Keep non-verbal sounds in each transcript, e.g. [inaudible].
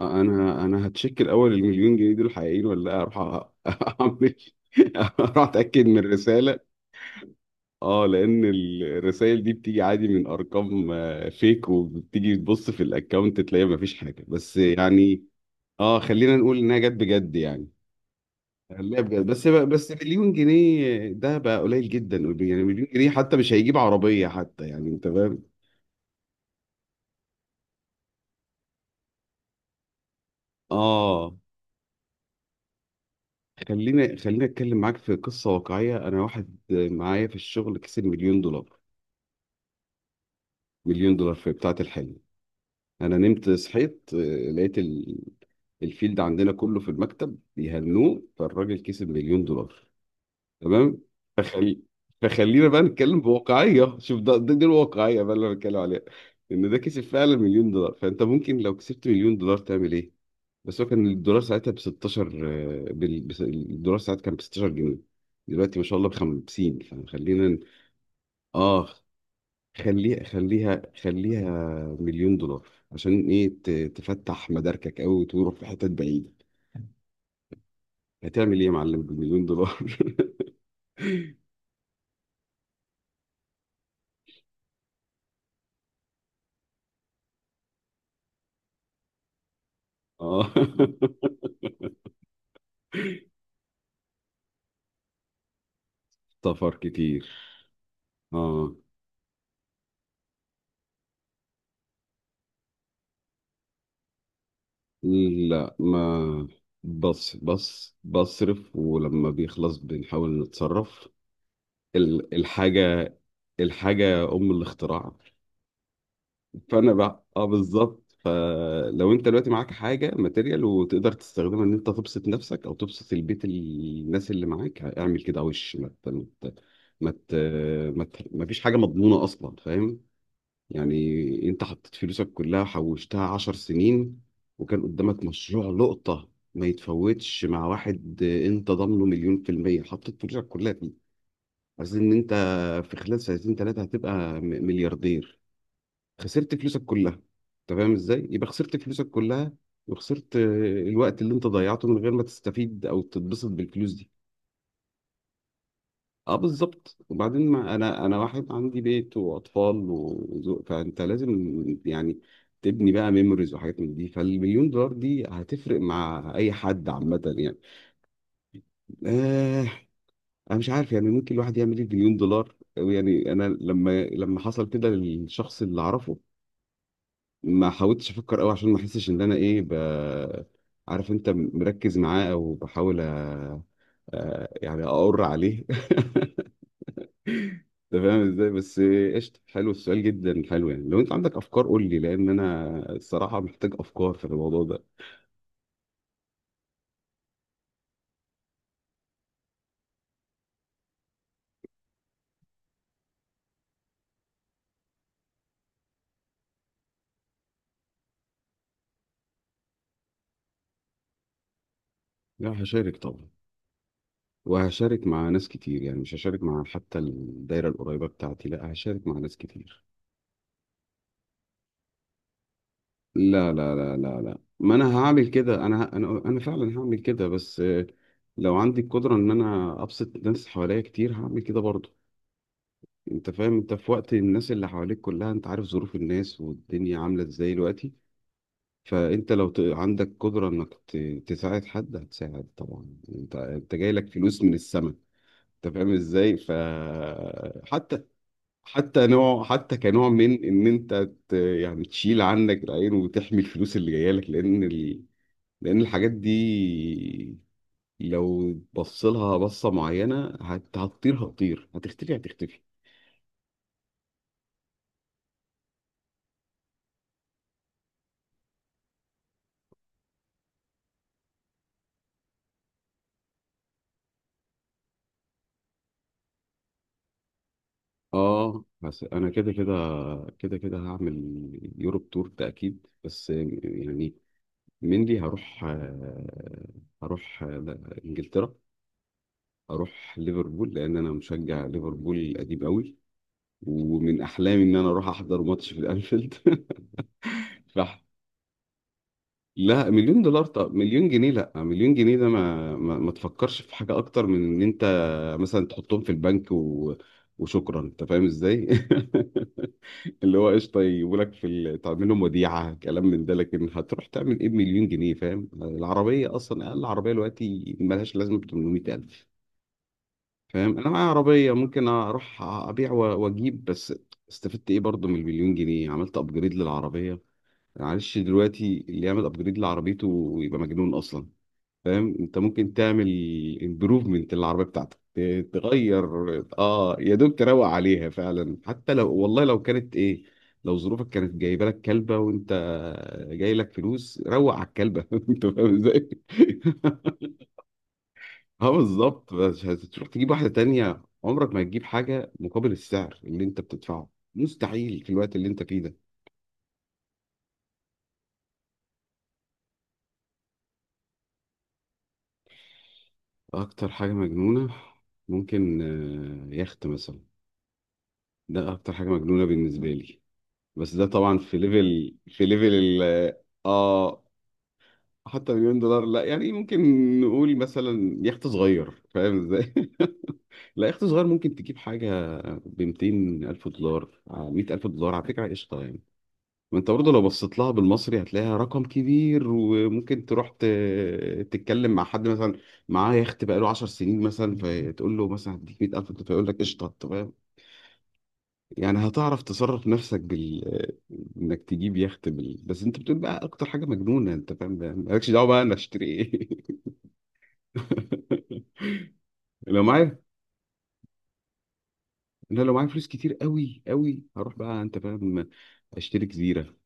انا هتشيك الاول المليون جنيه دول حقيقيين ولا لا اروح [laughs] اعمل اروح اتاكد من الرساله. اه، لان الرسائل دي بتيجي عادي من ارقام، فيك، وبتيجي تبص في الاكونت تلاقي مفيش حاجه، بس يعني اه خلينا نقول انها جت بجد يعني. لا بجد، بس مليون جنيه ده بقى قليل جدا، يعني مليون جنيه حتى مش هيجيب عربيه حتى، يعني انت فاهم. اه خلينا اتكلم معاك في قصه واقعيه، انا واحد معايا في الشغل كسب مليون دولار. مليون دولار في بتاعة الحلم، انا نمت صحيت، لقيت الفيلد عندنا كله في المكتب بيهنوه، فالراجل كسب مليون دولار. تمام، فخلي فخلينا بقى نتكلم بواقعية، شوف ده دي الواقعية بقى اللي انا بتكلم عليها، ان ده كسب فعلا مليون دولار، فانت ممكن لو كسبت مليون دولار تعمل ايه؟ بس هو كان الدولار ساعتها ب 16. الدولار ساعتها كان ب 16 جنيه، دلوقتي ما شاء الله ب 50. فخلينا اه خليها خليها خليها مليون دولار، عشان ايه؟ تفتح مداركك قوي وتروح في حتت بعيدة. هتعمل ايه يا معلم بمليون دولار؟ [laughs] اه سفر كتير. اه لا، ما بص بص بصرف ولما بيخلص بنحاول نتصرف. الحاجة، الحاجة أم الاختراع. فانا بقى اه بالظبط، فلو انت دلوقتي معاك حاجه ماتيريال وتقدر تستخدمها ان انت تبسط نفسك او تبسط البيت، الناس اللي معاك، اعمل كده، وش ت- ما ت- ما فيش حاجه مضمونه اصلا، فاهم؟ يعني انت حطيت فلوسك كلها حوشتها عشر سنين، وكان قدامك مشروع لقطه ما يتفوتش مع واحد انت ضامنه مليون في المية، حطيت فلوسك كلها فيه، عايز ان انت في خلال سنتين ثلاثة هتبقى ملياردير. خسرت فلوسك كلها، انت فاهم ازاي يبقى خسرت فلوسك كلها؟ وخسرت الوقت اللي انت ضيعته من غير ما تستفيد او تتبسط بالفلوس دي. اه بالظبط، وبعدين ما انا واحد عندي بيت واطفال وزوج، فانت لازم يعني تبني بقى ميموريز وحاجات من دي، فالمليون دولار دي هتفرق مع اي حد عامه يعني. آه، انا مش عارف يعني ممكن الواحد يعمل ايه بمليون دولار يعني. انا لما حصل كده للشخص اللي اعرفه ما حاولتش افكر قوي، عشان ما احسش ان انا ايه عارف انت مركز معاه، او بحاول يعني اقر عليه. [laughs] انت فاهم ازاي؟ بس قشطه حلو السؤال جدا حلو، يعني لو انت عندك افكار قول لي لان انا الصراحه محتاج افكار في الموضوع ده. لا هشارك طبعا، وهشارك مع ناس كتير يعني، مش هشارك مع حتى الدايره القريبه بتاعتي، لا هشارك مع ناس كتير. لا لا لا لا لا، ما انا هعمل كده، انا ه- انا انا فعلا هعمل كده، بس لو عندي القدره ان انا ابسط الناس حواليا كتير هعمل كده برضه. انت فاهم، انت في وقت الناس اللي حواليك كلها، انت عارف ظروف الناس والدنيا عامله ازاي دلوقتي، فانت لو عندك قدره انك تساعد حد هتساعد طبعا، انت انت جاي لك فلوس من السماء. انت فاهم ازاي؟ ف حتى حتى نوع حتى كنوع من ان انت يعني تشيل عنك العين وتحمي الفلوس اللي جايه لك، لان لأن الحاجات دي لو بصلها بصة معينة هتطير هتطير، هتختفي هتختفي. اه بس انا كده كده هعمل يوروب تور ده اكيد، بس يعني منلي هروح انجلترا. هروح ليفربول، لان انا مشجع ليفربول قديم قوي، ومن احلامي ان انا اروح احضر ماتش في الانفيلد. [laughs] فاحنا لا مليون دولار. طب مليون جنيه، لا مليون جنيه ده ما تفكرش في حاجة أكتر من إن أنت مثلا تحطهم في البنك وشكرا، أنت فاهم إزاي؟ [laughs] اللي هو قشطة، يجيبولك في تعملهم وديعة كلام من ده، لكن هتروح تعمل إيه بمليون جنيه؟ فاهم؟ العربية أصلا أقل عربية دلوقتي ملهاش لازمة ب 800,000، فاهم؟ أنا معايا عربية ممكن أروح أبيع وأجيب، بس استفدت إيه برضه من المليون جنيه؟ عملت أبجريد للعربية. معلش دلوقتي اللي يعمل أبجريد لعربيته يبقى مجنون أصلا. فاهم انت ممكن تعمل امبروفمنت للعربيه بتاعتك تغير. اه يا دوب تروق عليها فعلا، حتى لو والله لو كانت ايه، لو ظروفك كانت جايبه لك كلبه وانت جاي لك فلوس روق على الكلبه. [laughs] انت فاهم ازاي؟ [laughs] اه بالظبط، بس هتروح تجيب واحده تانية عمرك ما هتجيب حاجه مقابل السعر اللي انت بتدفعه، مستحيل في الوقت اللي انت فيه ده. اكتر حاجه مجنونه ممكن، يخت مثلا، ده اكتر حاجه مجنونه بالنسبه لي، بس ده طبعا في ليفل في ليفل ال اه. حتى مليون دولار لا، يعني ممكن نقول مثلا يخت صغير، فاهم ازاي؟ [laughs] لا يخت صغير ممكن تجيب حاجة ب 200 ألف دولار 100 ألف دولار على فكرة قشطة يعني. ما انت برضه لو بصيت لها بالمصري هتلاقيها رقم كبير، وممكن تروح تتكلم مع حد مثلا معاه يخت بقاله 10 سنين مثلا، فتقول له مثلا هديك 100 ألف، فيقول لك قشطة. طب يعني هتعرف تصرف نفسك بال انك تجيب يخت بس انت بتقول بقى اكتر حاجه مجنونه، انت فاهم، بقى مالكش دعوه بقى انا اشتري ايه. [laughs] لو معايا، انا لو معايا فلوس كتير قوي قوي هروح بقى، انت فاهم، اشتري جزيره،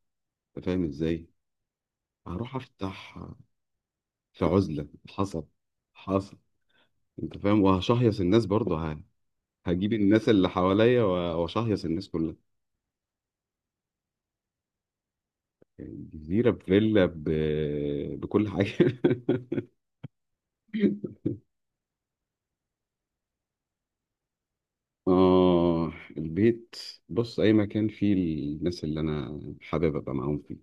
انت فاهم ازاي. هروح افتح في عزله. حصل، حصل، انت فاهم، وهشهيص الناس برضه هجيب الناس اللي حواليا واشهيص الناس كلها. يعني جزيره بفيلا بكل حاجه. [laughs] آه البيت. بص أي مكان فيه الناس اللي أنا حابب أبقى معاهم فيه،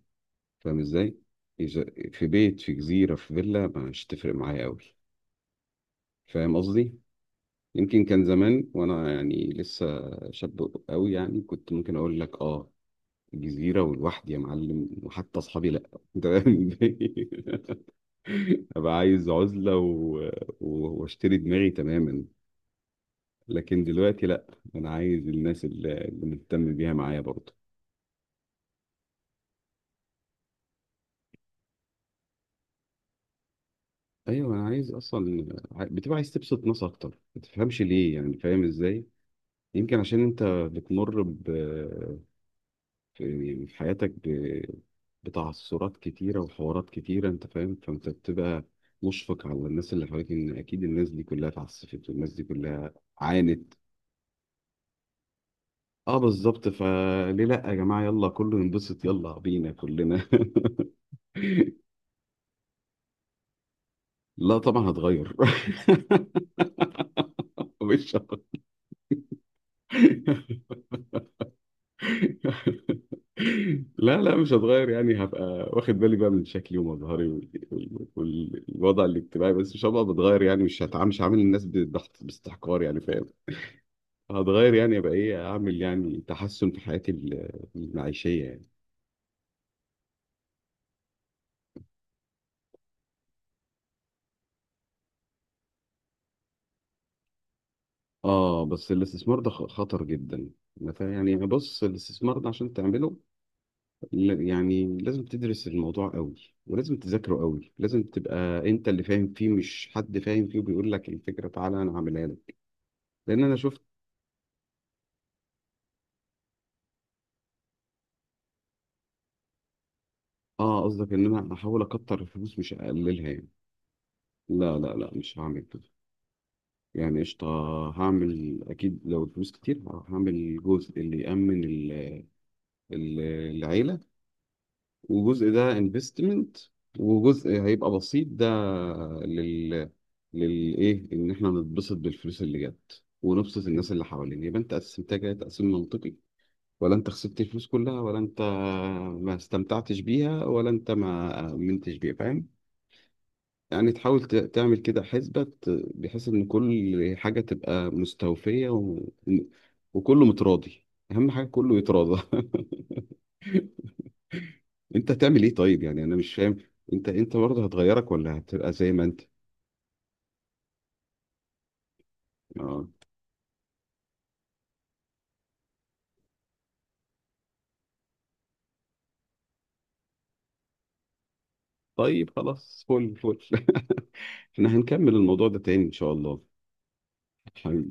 فاهم إزاي؟ إذا في بيت في جزيرة في فيلا مش تفرق معايا أوي، فاهم قصدي؟ يمكن كان زمان وأنا يعني لسه شاب أوي، يعني كنت ممكن أقول لك آه جزيرة ولوحدي يا معلم، وحتى أصحابي لأ. [laughs] أنت فاهم إزاي؟ [laughs] أبقى عايز عزلة وأشتري دماغي تماما. لكن دلوقتي لأ، أنا عايز الناس اللي مهتم بيها معايا برضه. ايوه انا عايز اصلا بتبقى عايز تبسط ناس اكتر، ما تفهمش ليه يعني، فاهم ازاي؟ يمكن عشان انت بتمر في يعني في حياتك بتعثرات كتيره وحوارات كتيره، انت فاهم، فانت بتبقى مشفق على الناس اللي حواليك، ان اكيد الناس دي كلها اتعسفت والناس دي كلها عانت. اه بالظبط، فليه لا يا جماعه يلا كله ينبسط يلا بينا كلنا. [laughs] لا طبعا هتغير. [laughs] مش لا لا مش هتغير، يعني هبقى واخد بالي بقى من شكلي ومظهري والوضع الاجتماعي، بس مش هبقى بتغير، يعني مش هعامل الناس بضغط باستحقار يعني، فاهم؟ هتغير يعني ابقى ايه اعمل يعني تحسن في حياتي المعيشية يعني. اه بس الاستثمار ده خطر جدا. أنا فاهم يعني، بص الاستثمار ده عشان تعمله يعني لازم تدرس الموضوع قوي، ولازم تذاكره قوي، لازم تبقى انت اللي فاهم فيه مش حد فاهم فيه وبيقول لك الفكرة تعالى انا هعملها لك، لان انا شفت. اه قصدك ان انا احاول اكتر الفلوس مش اقللها يعني. لا لا لا مش هعمل كده، يعني قشطة هعمل اكيد لو الفلوس كتير، هعمل جزء اللي يأمن ال- العيلة، وجزء ده انفستمنت، وجزء هيبقى بسيط ده لل للايه، ان احنا نتبسط بالفلوس اللي جت ونبسط الناس اللي حوالينا. يبقى انت قسمتها كده تقسيم منطقي، ولا انت خسرت الفلوس كلها، ولا انت ما استمتعتش بيها، ولا انت ما امنتش بيها، فاهم؟ يعني تحاول تعمل كده حسبة بحيث إن كل حاجة تبقى مستوفية وكله متراضي، أهم حاجة كله يتراضى. [laughs] أنت هتعمل إيه طيب؟ يعني أنا مش فاهم، أنت برضه هتغيرك ولا هتبقى زي ما أنت. آه. طيب خلاص فل فل. [laughs] إحنا هنكمل الموضوع ده تاني إن شاء الله.